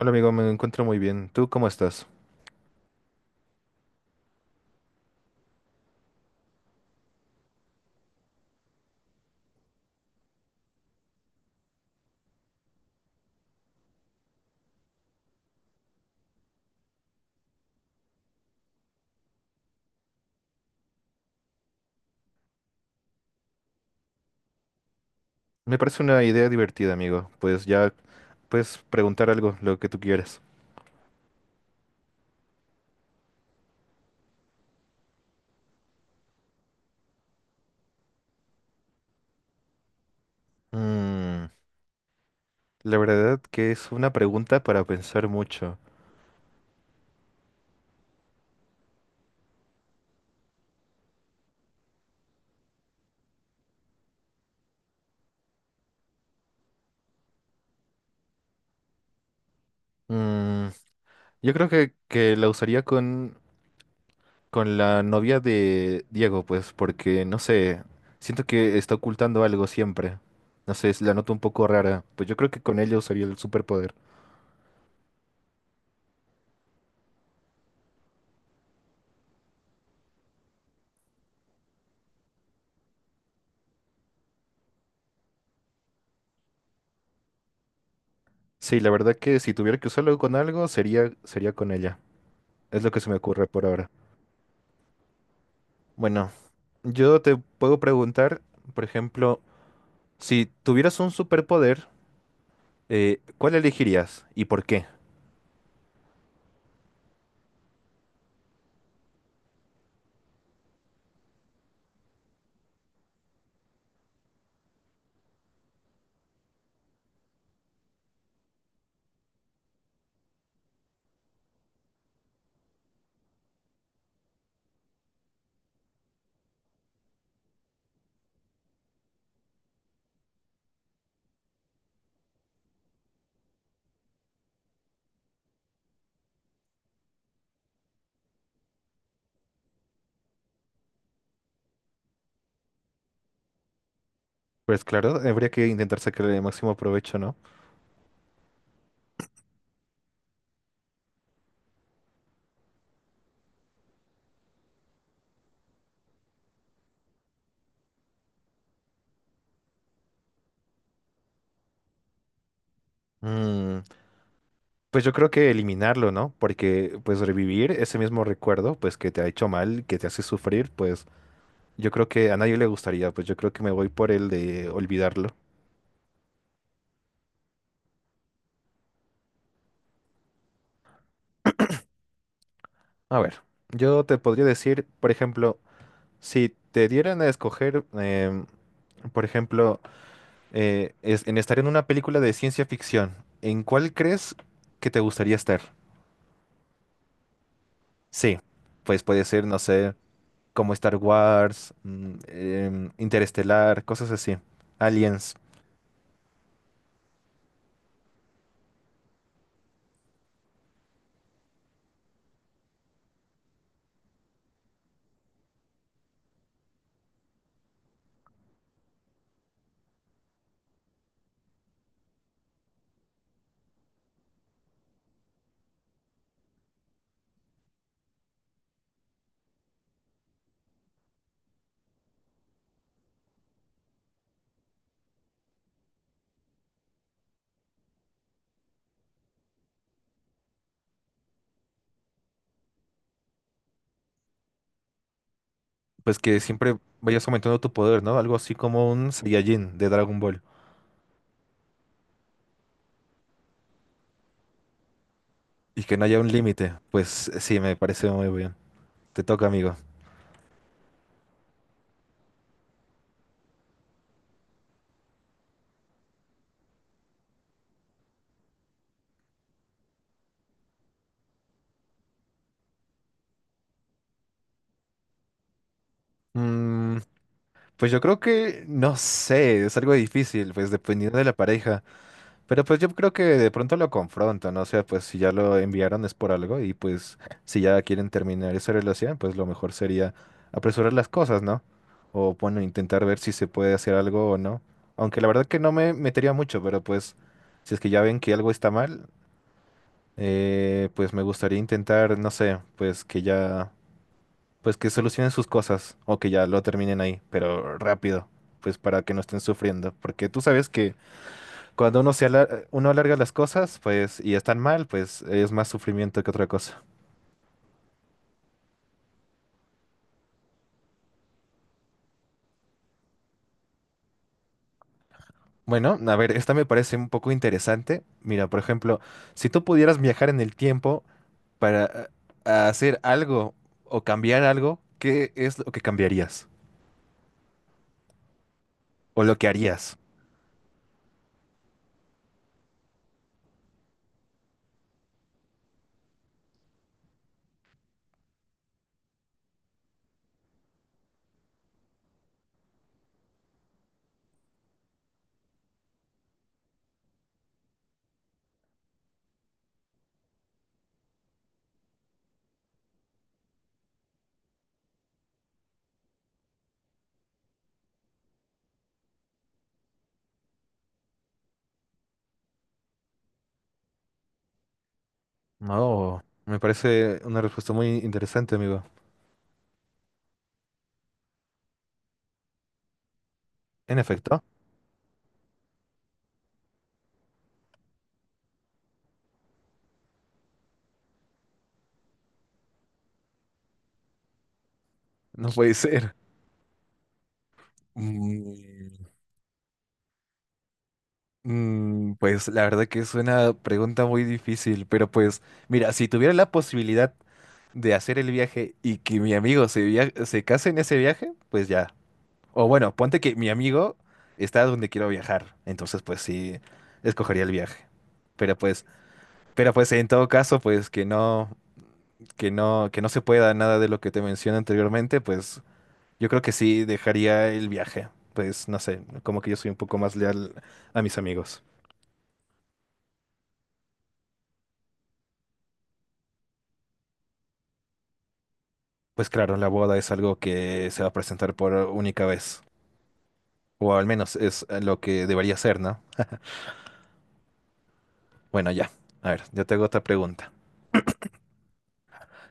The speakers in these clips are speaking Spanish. Hola amigo, me encuentro muy bien. ¿Tú cómo estás? Me parece una idea divertida, amigo. Pues ya puedes preguntar algo, lo que tú quieras. Mm, la verdad que es una pregunta para pensar mucho. Mm, yo creo que la usaría con la novia de Diego, pues, porque no sé, siento que está ocultando algo siempre. No sé, la noto un poco rara. Pues yo creo que con ella usaría el superpoder. Sí, la verdad que si tuviera que usarlo con algo, sería con ella. Es lo que se me ocurre por ahora. Bueno, yo te puedo preguntar, por ejemplo, si tuvieras un superpoder, ¿cuál elegirías y por qué? Pues claro, habría que intentar sacarle el máximo provecho, ¿no? Mm, pues yo creo que eliminarlo, ¿no? Porque pues revivir ese mismo recuerdo, pues que te ha hecho mal, que te hace sufrir, pues yo creo que a nadie le gustaría, pues yo creo que me voy por el de olvidarlo. A ver, yo te podría decir, por ejemplo, si te dieran a escoger, por ejemplo, en estar en una película de ciencia ficción, ¿en cuál crees que te gustaría estar? Sí, pues puede ser, no sé, como Star Wars, Interestelar, cosas así, Aliens, pues que siempre vayas aumentando tu poder, ¿no? Algo así como un Saiyajin de Dragon Ball y que no haya un límite, pues sí, me parece muy bien. Te toca, amigo. Mm, pues yo creo que, no sé, es algo difícil, pues dependiendo de la pareja. Pero pues yo creo que de pronto lo confrontan, ¿no? O sea, pues si ya lo enviaron es por algo y pues si ya quieren terminar esa relación, pues lo mejor sería apresurar las cosas, ¿no? O bueno, intentar ver si se puede hacer algo o no. Aunque la verdad que no me metería mucho, pero pues si es que ya ven que algo está mal, pues me gustaría intentar, no sé, pues que ya, pues que solucionen sus cosas o que ya lo terminen ahí, pero rápido, pues para que no estén sufriendo. Porque tú sabes que... Cuando uno se alar- Uno alarga las cosas, pues, y están mal, pues es más sufrimiento que otra cosa. Bueno, a ver, esta me parece un poco interesante. Mira, por ejemplo, si tú pudieras viajar en el tiempo para hacer algo o cambiar algo, ¿qué es lo que cambiarías? ¿O lo que harías? No, me parece una respuesta muy interesante, amigo. En efecto, no puede ser. Mm, pues la verdad que es una pregunta muy difícil, pero pues, mira, si tuviera la posibilidad de hacer el viaje y que mi amigo se case en ese viaje, pues ya. O bueno, ponte que mi amigo está donde quiero viajar, entonces pues sí, escogería el viaje. Pero pues, pero pues en todo caso, pues que no se pueda nada de lo que te mencioné anteriormente, pues yo creo que sí dejaría el viaje. Pues no sé, como que yo soy un poco más leal a mis amigos. Pues claro, la boda es algo que se va a presentar por única vez, o al menos es lo que debería ser, ¿no? Bueno, ya. A ver, yo te hago otra pregunta.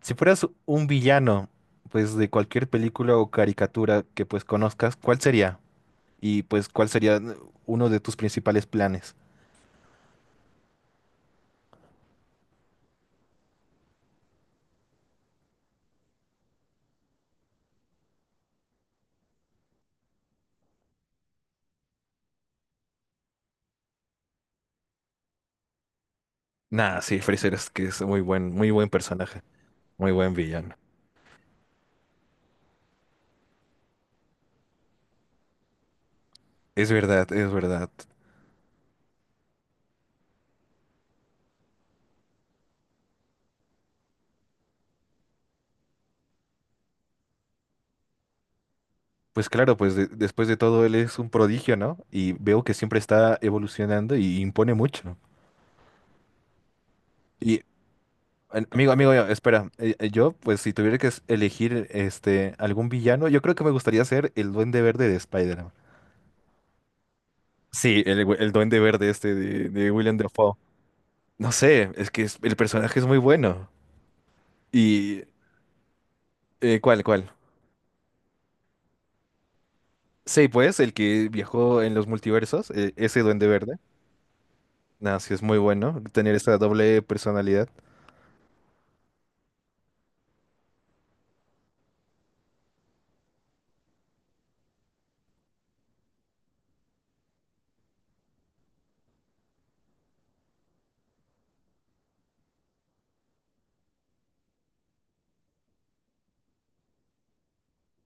Si fueras un villano, pues de cualquier película o caricatura que pues conozcas, ¿cuál sería? Y pues, ¿cuál sería uno de tus principales planes? Nah, sí, Freezer es que es muy buen personaje, muy buen villano. Es verdad, es verdad. Pues claro, pues después de todo él es un prodigio, ¿no? Y veo que siempre está evolucionando y impone mucho. Y amigo, mío, espera. Yo, pues, si tuviera que elegir este algún villano, yo creo que me gustaría ser el Duende Verde de Spider-Man. Sí, el Duende Verde este de William Dafoe. No sé, es que el personaje es muy bueno. Y ¿ cuál? Sí, pues, el que viajó en los multiversos, ese Duende Verde. Nada, sí es muy bueno tener esta doble personalidad.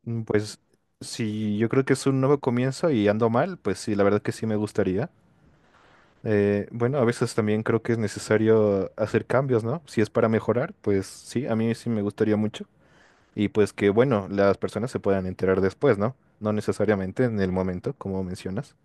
Pues, si yo creo que es un nuevo comienzo y ando mal, pues sí, la verdad que sí me gustaría. Bueno, a veces también creo que es necesario hacer cambios, ¿no? Si es para mejorar, pues sí, a mí sí me gustaría mucho. Y pues que, bueno, las personas se puedan enterar después, ¿no? No necesariamente en el momento, como mencionas.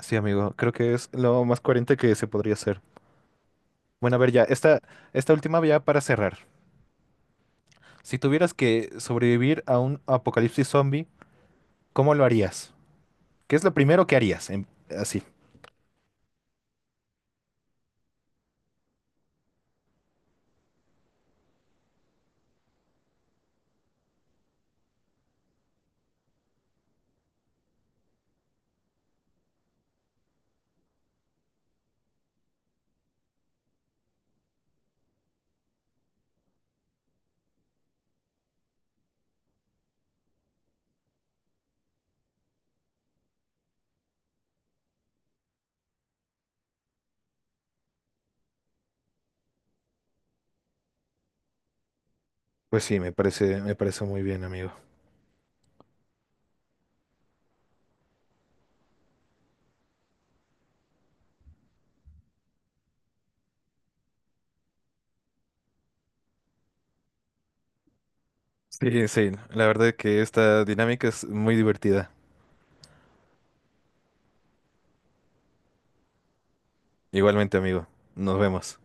Sí, amigo, creo que es lo más coherente que se podría hacer. Bueno, a ver, ya, esta última ya para cerrar. Si tuvieras que sobrevivir a un apocalipsis zombie, ¿cómo lo harías? ¿Qué es lo primero que harías? Así. Pues sí, me parece muy bien, amigo. Sí, sí, la verdad que esta dinámica es muy divertida. Igualmente, amigo, nos vemos.